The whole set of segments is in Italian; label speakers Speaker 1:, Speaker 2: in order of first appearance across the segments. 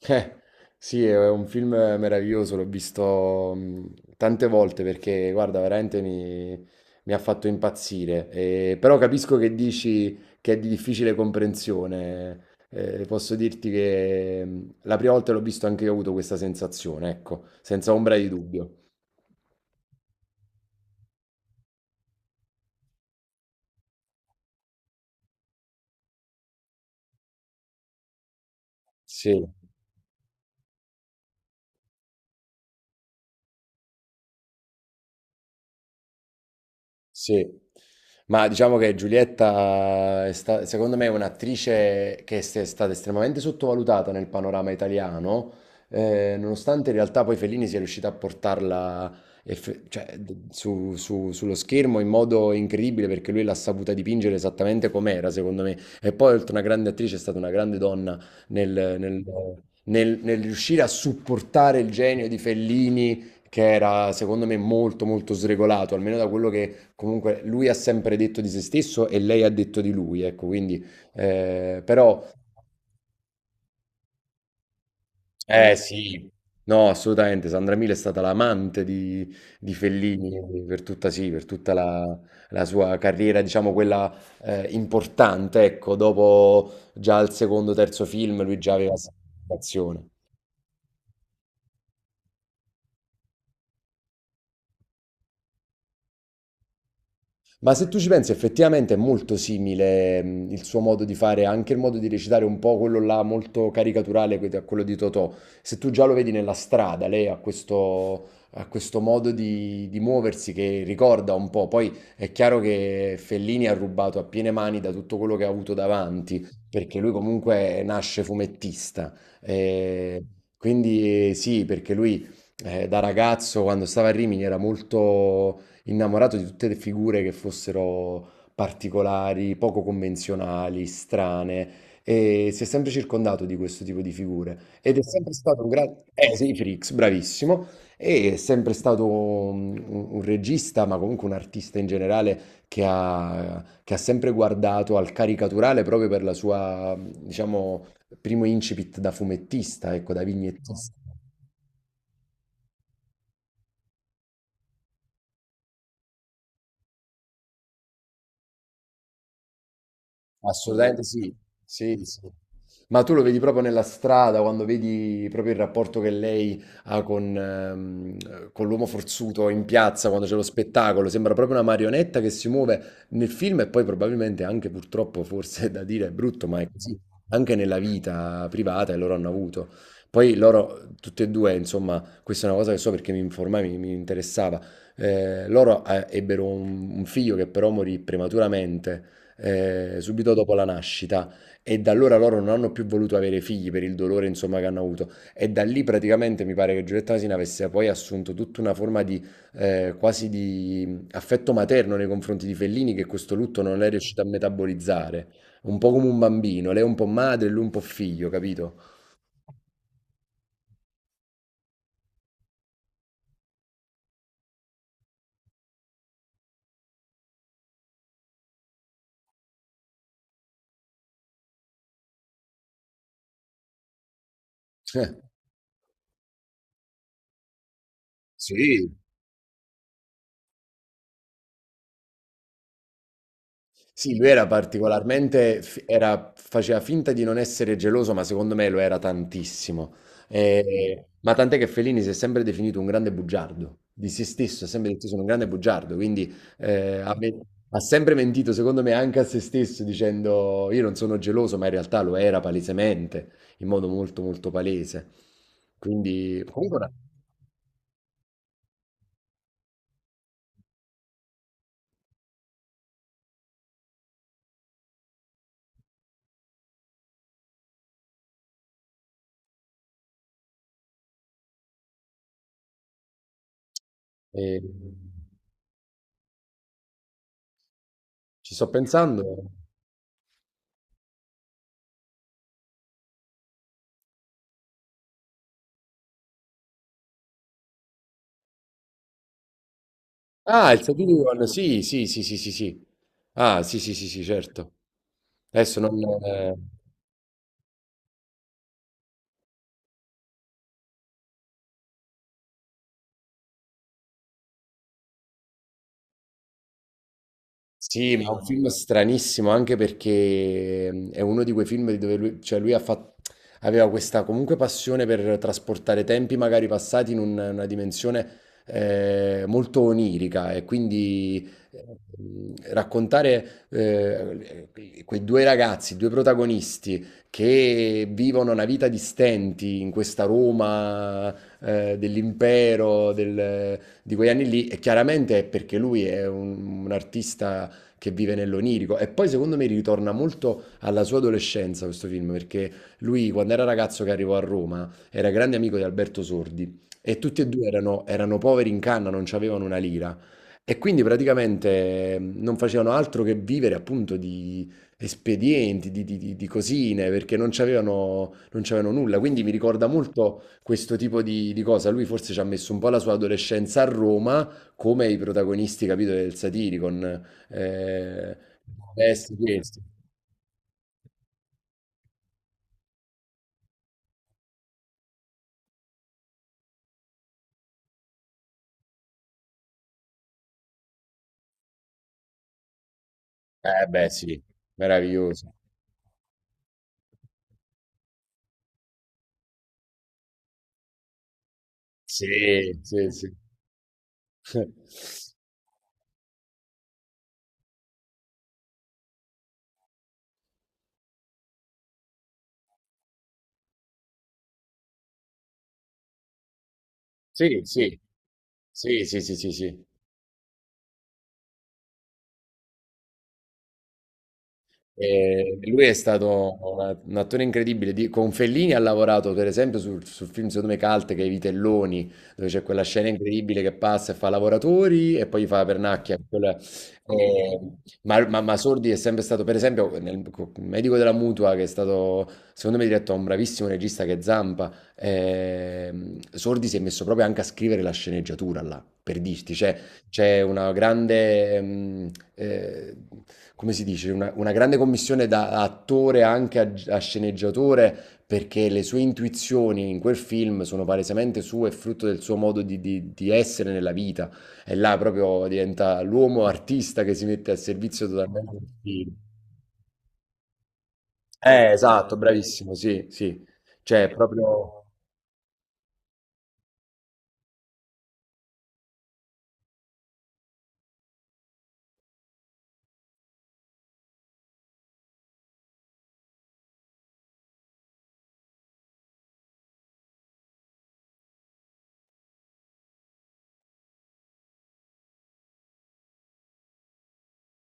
Speaker 1: Eh, sì, è un film meraviglioso, l'ho visto tante volte perché, guarda, veramente mi ha fatto impazzire. Però capisco che dici che è di difficile comprensione. Posso dirti che la prima volta l'ho visto anche io, ho avuto questa sensazione, ecco, senza ombra di dubbio. Sì. Sì, ma diciamo che Giulietta secondo me è un'attrice che è stata estremamente sottovalutata nel panorama italiano, nonostante in realtà poi Fellini sia riuscito a portarla cioè, sullo schermo in modo incredibile, perché lui l'ha saputa dipingere esattamente com'era, secondo me. E poi, oltre a una grande attrice, è stata una grande donna nel, nel- nel riuscire a supportare il genio di Fellini, che era secondo me molto molto sregolato, almeno da quello che. Comunque lui ha sempre detto di se stesso e lei ha detto di lui, ecco, quindi però eh sì. No, assolutamente, Sandra Milo è stata l'amante di Fellini per tutta, sì, per tutta la sua carriera, diciamo quella importante, ecco, dopo già al secondo, terzo film lui già aveva questa situazione. Ma se tu ci pensi, effettivamente è molto simile, il suo modo di fare, anche il modo di recitare un po' quello là molto caricaturale, a quello di Totò. Se tu già lo vedi nella strada, lei ha questo modo di muoversi che ricorda un po'. Poi è chiaro che Fellini ha rubato a piene mani da tutto quello che ha avuto davanti, perché lui comunque nasce fumettista. Eh, quindi sì, perché lui, da ragazzo, quando stava a Rimini, era molto innamorato di tutte le figure che fossero particolari, poco convenzionali, strane. E si è sempre circondato di questo tipo di figure. Ed è sempre stato un grande... Eh sì, Frix, bravissimo. E è sempre stato un regista, ma comunque un artista in generale, che ha sempre guardato al caricaturale proprio per la sua, diciamo, primo incipit da fumettista, ecco, da vignettista. Assolutamente sì, sì, sì. Ma tu lo vedi proprio nella strada, quando vedi proprio il rapporto che lei ha con l'uomo forzuto in piazza, quando c'è lo spettacolo, sembra proprio una marionetta che si muove nel film, e poi probabilmente anche, purtroppo, forse è da dire, è brutto, ma è così, anche nella vita privata, e loro hanno avuto. Poi loro, tutti e due, insomma, questa è una cosa che so perché mi informai, mi interessava, loro ebbero un figlio, che però morì prematuramente, subito dopo la nascita, e da allora loro non hanno più voluto avere figli per il dolore, insomma, che hanno avuto, e da lì praticamente mi pare che Giulietta Asina avesse poi assunto tutta una forma di quasi di affetto materno nei confronti di Fellini, che questo lutto non è riuscito a metabolizzare, un po' come un bambino, lei è un po' madre, lui un po' figlio, capito? Sì, sì, lui era particolarmente, faceva finta di non essere geloso, ma secondo me lo era tantissimo. Ma tant'è che Fellini si è sempre definito un grande bugiardo, di se stesso, ha sempre detto sono un grande bugiardo, quindi eh, ha, me- ha sempre mentito, secondo me, anche a se stesso, dicendo io non sono geloso, ma in realtà lo era palesemente, in modo molto molto palese. Quindi, comunque, ora, eh, ci sto pensando. Ah, il Saturn, sì, sì, sì, sì, sì, sì. Ah, sì, sì, sì, sì, certo. Adesso non... eh, Sì ma è un film stranissimo, anche perché è uno di quei film dove lui, cioè lui ha fatto, aveva questa comunque passione per trasportare tempi magari passati in una dimensione molto onirica, e quindi raccontare quei due ragazzi, due protagonisti che vivono una vita di stenti in questa Roma dell'impero, di quegli anni lì, e chiaramente è perché lui è un artista che vive nell'onirico. E poi secondo me ritorna molto alla sua adolescenza, questo film, perché lui, quando era ragazzo, che arrivò a Roma, era grande amico di Alberto Sordi, e tutti e due erano, erano poveri in canna, non avevano una lira. E quindi praticamente non facevano altro che vivere appunto di espedienti, di cosine, perché non c'avevano nulla. Quindi mi ricorda molto questo tipo di cosa. Lui forse ci ha messo un po' la sua adolescenza a Roma, come i protagonisti, capito, del Satiricon. Ehm, vesti questi. Eh beh sì, meraviglioso. Sì, sì, sì. Sì, sì. Sì, sì, sì, sì, sì. E lui è stato un attore incredibile. Con Fellini ha lavorato, per esempio, sul film, secondo me Calte, che è I Telloni, dove c'è quella scena incredibile che passa e fa lavoratori e poi gli fa la pernacchia. Eh, ma Sordi è sempre stato, per esempio, Medico della Mutua, che è stato, secondo me, diretto da un bravissimo regista che è Zampa. Ehm, Sordi si è messo proprio anche a scrivere la sceneggiatura là, per dirti, cioè c'è una grande, come si dice, una grande commissione da attore anche a sceneggiatore, perché le sue intuizioni in quel film sono palesemente sue, e frutto del suo modo di, di essere nella vita. E là proprio diventa l'uomo artista che si mette al servizio totalmente del film. Esatto, bravissimo, sì, sì. Cioè, proprio...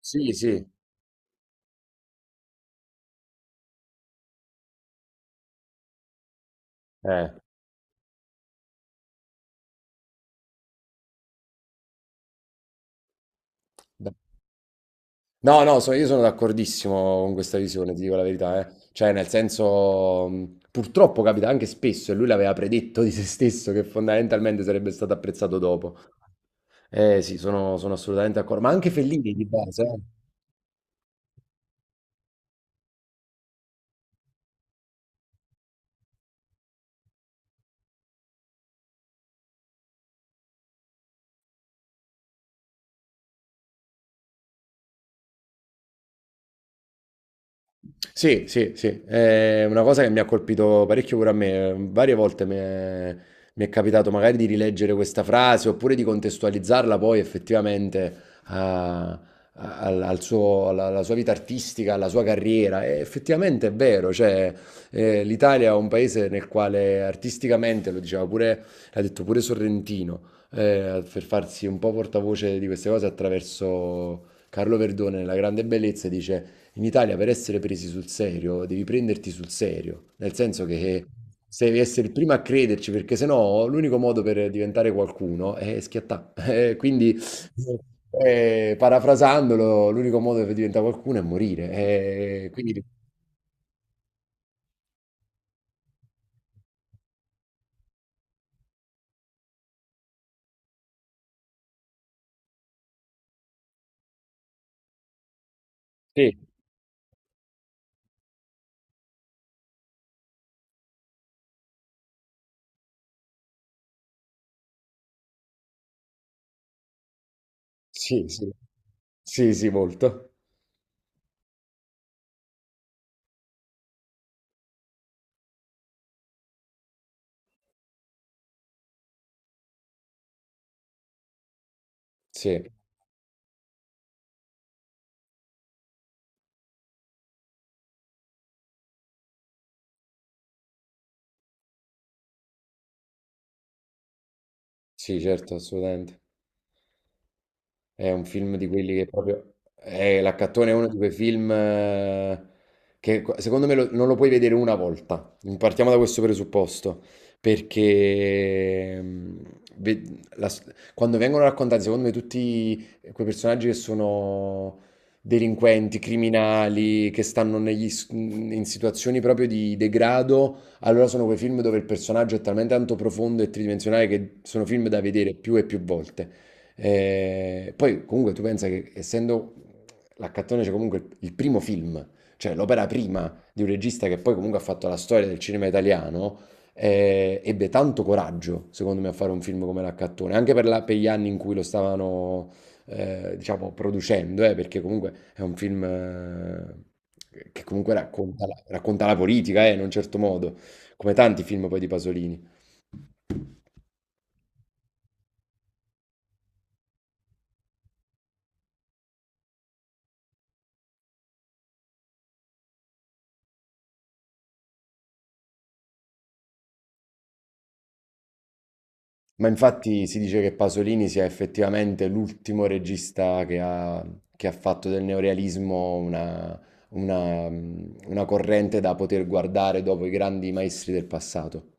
Speaker 1: Sì, sì. Eh. No, no, io sono d'accordissimo con questa visione, ti dico la verità, eh. Cioè, nel senso, purtroppo capita anche spesso, e lui l'aveva predetto di se stesso, che fondamentalmente sarebbe stato apprezzato dopo. Eh sì, sono assolutamente d'accordo, ma anche Fellini di base, eh. Sì, sì, sì, è una cosa che mi ha colpito parecchio pure a me. Varie volte mi è capitato magari di rileggere questa frase, oppure di contestualizzarla poi effettivamente a- alla sua vita artistica, alla sua carriera. E effettivamente è vero, cioè, l'Italia è un paese nel quale, artisticamente, lo diceva pure, l'ha detto pure Sorrentino, per farsi un po' portavoce di queste cose attraverso Carlo Verdone, La grande bellezza, dice... In Italia, per essere presi sul serio devi prenderti sul serio, nel senso che se devi essere il primo a crederci, perché sennò l'unico modo per diventare qualcuno è schiattare. Quindi, parafrasandolo, l'unico modo per diventare qualcuno è morire. Quindi sì, sì, sì, sì, sì, molto. Sì, sì, certo, assolutamente. È un film di quelli che proprio... L'Accattone è uno di quei film, secondo me non lo puoi vedere una volta. Partiamo da questo presupposto, perché ve- la s- quando vengono raccontati, secondo me, tutti quei personaggi che sono delinquenti, criminali, che stanno in situazioni proprio di degrado, allora sono quei film dove il personaggio è talmente tanto profondo e tridimensionale che sono film da vedere più e più volte. Poi comunque tu pensa che, essendo l'Accattone, c'è comunque il primo film, cioè l'opera prima di un regista che poi comunque ha fatto la storia del cinema italiano, ebbe tanto coraggio, secondo me, a fare un film come l'Accattone, anche per, per gli anni in cui lo stavano, diciamo, producendo, perché comunque è un film... Che comunque racconta la, politica, in un certo modo, come tanti film poi di Pasolini. Ma infatti si dice che Pasolini sia effettivamente l'ultimo regista che ha fatto del neorealismo una, una corrente da poter guardare dopo i grandi maestri del passato.